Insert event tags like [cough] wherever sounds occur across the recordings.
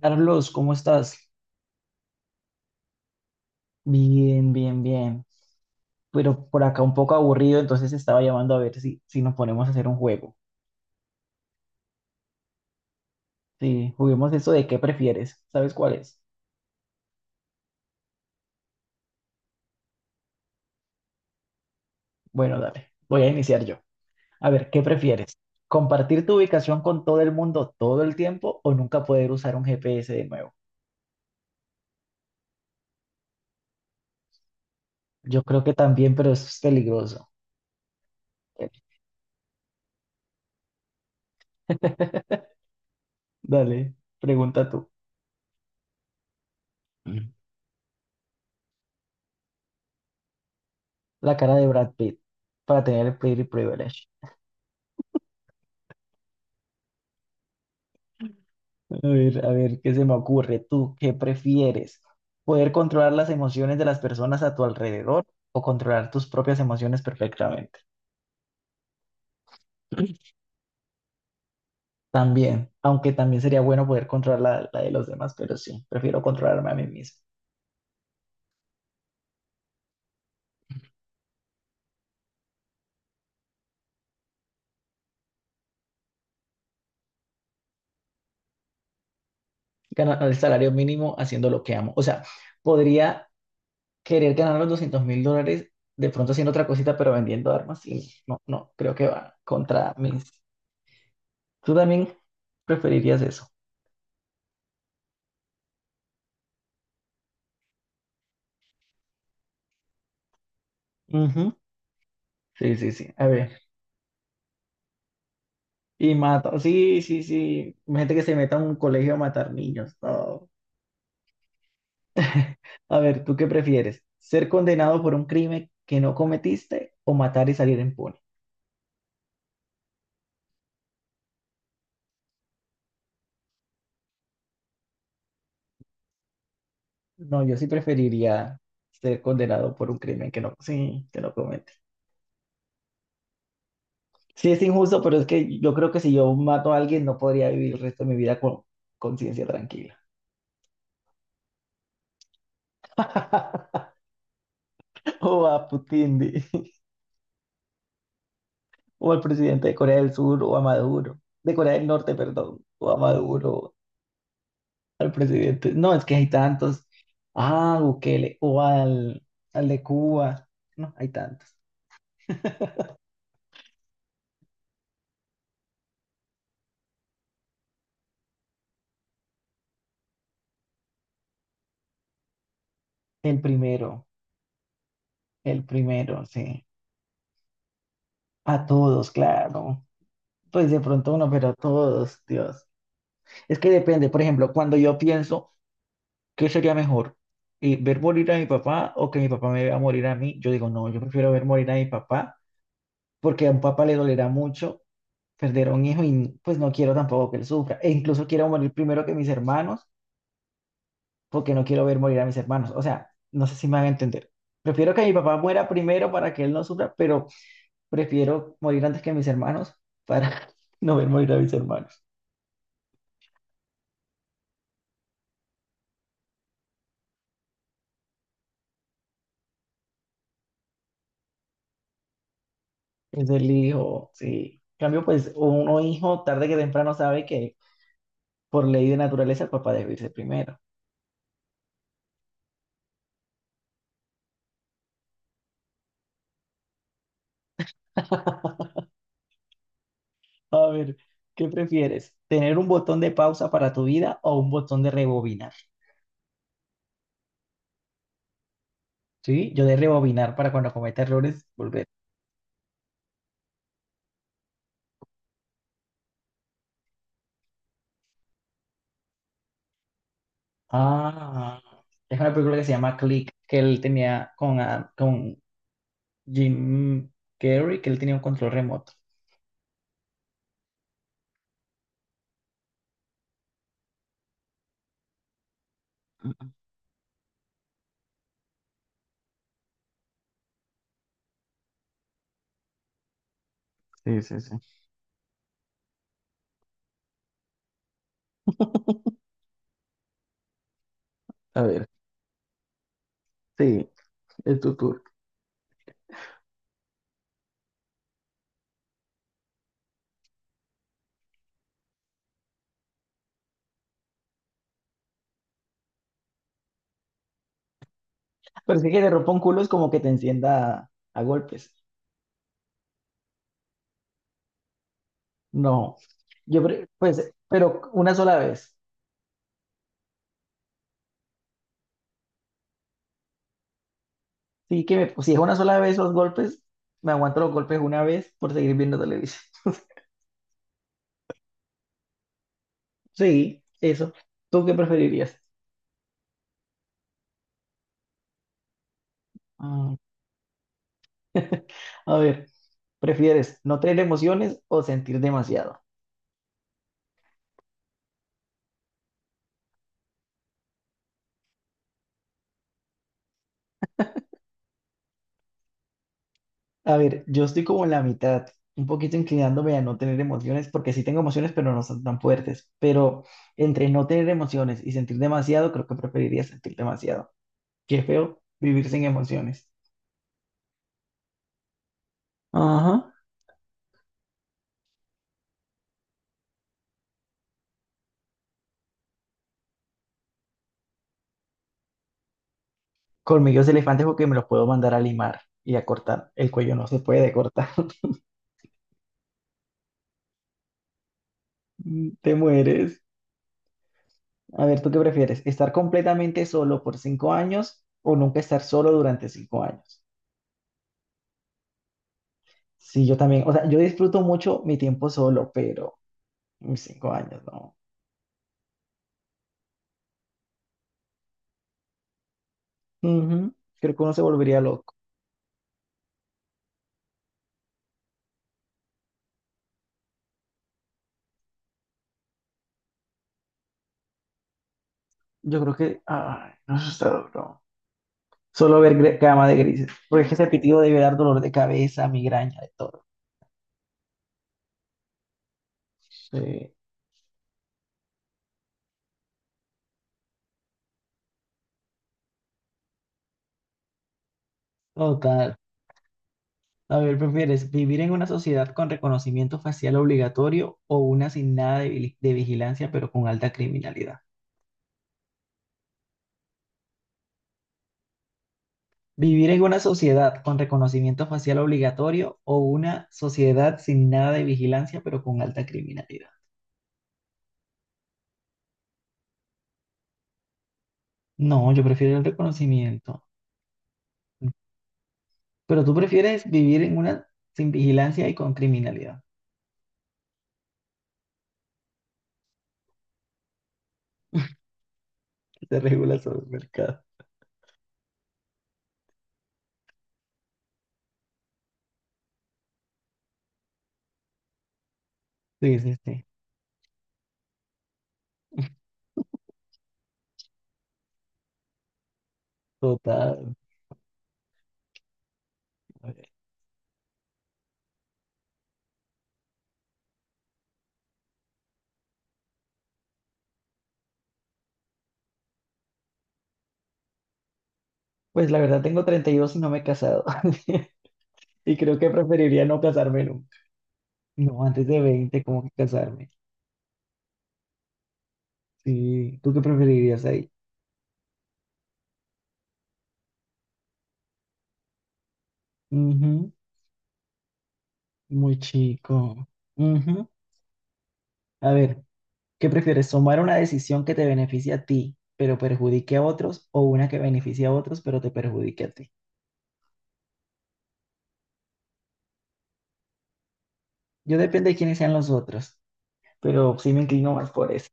Carlos, ¿cómo estás? Bien, bien, bien. Pero por acá un poco aburrido, entonces estaba llamando a ver si, nos ponemos a hacer un juego. Sí, juguemos eso de qué prefieres. ¿Sabes cuál es? Bueno, dale, voy a iniciar yo. A ver, ¿qué prefieres? ¿Compartir tu ubicación con todo el mundo todo el tiempo o nunca poder usar un GPS de nuevo? Yo creo que también, pero eso es peligroso. [laughs] Dale, pregunta tú. Mm. La cara de Brad Pitt para tener el Pretty Privilege. A ver, ¿qué se me ocurre? ¿Tú qué prefieres? ¿Poder controlar las emociones de las personas a tu alrededor o controlar tus propias emociones perfectamente? [clears throat] También, aunque también sería bueno poder controlar la de los demás, pero sí, prefiero controlarme a mí mismo. Ganar el salario mínimo haciendo lo que amo. O sea, podría querer ganar los $200,000 de pronto haciendo otra cosita, pero vendiendo armas. Sí, no, no, creo que va contra mis... ¿Tú también preferirías eso? Ujú. Sí, sí, sí. A ver. Y mata, sí, sí, sí. Gente que se meta a un colegio a matar niños. No. [laughs] A ver, ¿tú qué prefieres? ¿Ser condenado por un crimen que no cometiste o matar y salir impune? No, yo sí preferiría ser condenado por un crimen que no, sí, que no comete. Sí, es injusto, pero es que yo creo que si yo mato a alguien no podría vivir el resto de mi vida con conciencia tranquila. [laughs] O a Putin, di. [laughs] o al presidente de Corea del Sur, o a Maduro, de Corea del Norte, perdón, o a Maduro. Al presidente. No, es que hay tantos. Ah, Bukele, o al, al de Cuba. No, hay tantos. El primero, el primero, sí. A todos, claro. Pues de pronto uno, pero a todos, Dios. Es que depende, por ejemplo, cuando yo pienso, ¿qué sería mejor? ¿Ver morir a mi papá o que mi papá me vea morir a mí? Yo digo, no, yo prefiero ver morir a mi papá, porque a un papá le dolerá mucho perder a un hijo y pues no quiero tampoco que él sufra. E incluso quiero morir primero que mis hermanos porque no quiero ver morir a mis hermanos. O sea, no sé si me van a entender. Prefiero que mi papá muera primero para que él no sufra, pero prefiero morir antes que mis hermanos para [laughs] no ver morir a mis hermanos. Es el hijo, sí. En cambio, pues uno hijo tarde que temprano sabe que por ley de naturaleza el papá debe irse primero. [laughs] A ver, ¿qué prefieres? ¿Tener un botón de pausa para tu vida o un botón de rebobinar? Sí, yo de rebobinar para cuando cometa errores volver. Ah, es una película que se llama Click, que él tenía con, ah, con Jim Carrey, que él tenía un control remoto. Sí, sí, sí. A ver, sí, es tu tour. Parece que te rompa un culo es como que te encienda a golpes. No, yo, pues, pero una sola vez. Sí, si es una sola vez los golpes, me aguanto los golpes una vez por seguir viendo televisión. [laughs] Sí, eso. ¿Tú qué preferirías? Ah, [laughs] a ver. ¿Prefieres no tener emociones o sentir demasiado? A ver, yo estoy como en la mitad, un poquito inclinándome a no tener emociones, porque sí tengo emociones, pero no son tan fuertes. Pero entre no tener emociones y sentir demasiado, creo que preferiría sentir demasiado. Qué feo vivir sin emociones. Ajá. Colmillos de elefante porque me los puedo mandar a limar y a cortar. El cuello no se puede cortar. [laughs] Mm, te mueres. A ver, ¿tú qué prefieres? ¿Estar completamente solo por 5 años o nunca estar solo durante 5 años? Sí, yo también. O sea, yo disfruto mucho mi tiempo solo, pero mis 5 años, no. Ujú. Creo que uno se volvería loco. Yo creo que, ay, no, eso está duro. Solo ver cama de grises. Porque es que ese pitido debe dar dolor de cabeza, migraña, de todo. Sí, total. A ver, ¿prefieres vivir en una sociedad con reconocimiento facial obligatorio o una sin nada de vigilancia, pero con alta criminalidad? ¿Vivir en una sociedad con reconocimiento facial obligatorio o una sociedad sin nada de vigilancia pero con alta criminalidad? No, yo prefiero el reconocimiento. Pero tú prefieres vivir en una sin vigilancia y con criminalidad. Que se regula sobre el mercado. Sí, sí, sí. Total. Ok. Pues la verdad tengo 32 y no me he casado. [laughs] Y creo que preferiría no casarme nunca. No, antes de 20 como que casarme. Sí, ¿tú qué preferirías ahí? Ujú, muy chico. Ujú. A ver, ¿qué prefieres? ¿Tomar una decisión que te beneficie a ti, pero perjudique a otros, o una que beneficie a otros, pero te perjudique a ti? Yo depende de quiénes sean los otros, pero sí me inclino más por eso.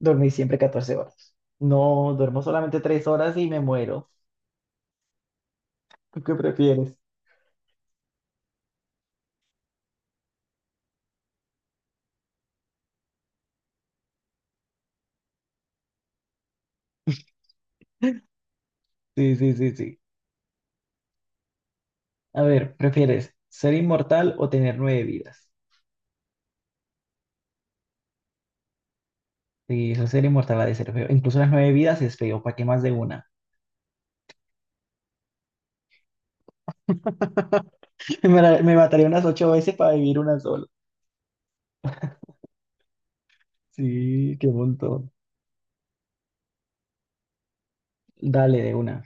Dormir siempre 14 horas. No, duermo solamente 3 horas y me muero. ¿Tú qué prefieres? Sí, sí, sí, sí. A ver, ¿prefieres ser inmortal o tener 9 vidas? Sí, eso ser inmortal ha de ser feo. Incluso las 9 vidas es feo, ¿para qué más de una? [laughs] Me, me mataría unas 8 veces para vivir una sola. Sí, qué montón. Dale de una.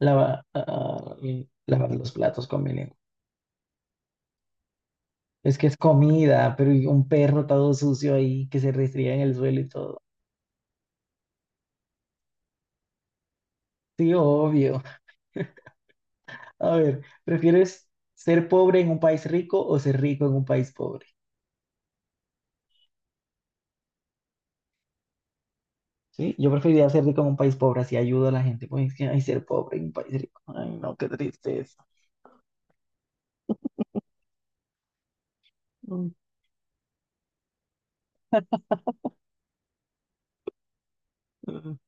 Lava, ah, lavar los platos con veneno. Es que es comida, pero y un perro todo sucio ahí que se restría en el suelo y todo. Sí, obvio. [laughs] A ver, ¿prefieres ser pobre en un país rico o ser rico en un país pobre? Sí, yo preferiría ser rico en un país pobre, así ayudo a la gente. Pues es que, ay, ser pobre en un país rico. Ay, no, qué tristeza. Mm, mm. Mm.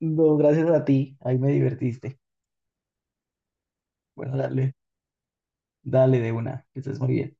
No, gracias a ti, ahí me divertiste. Bueno, dale, dale de una, que estés muy bien.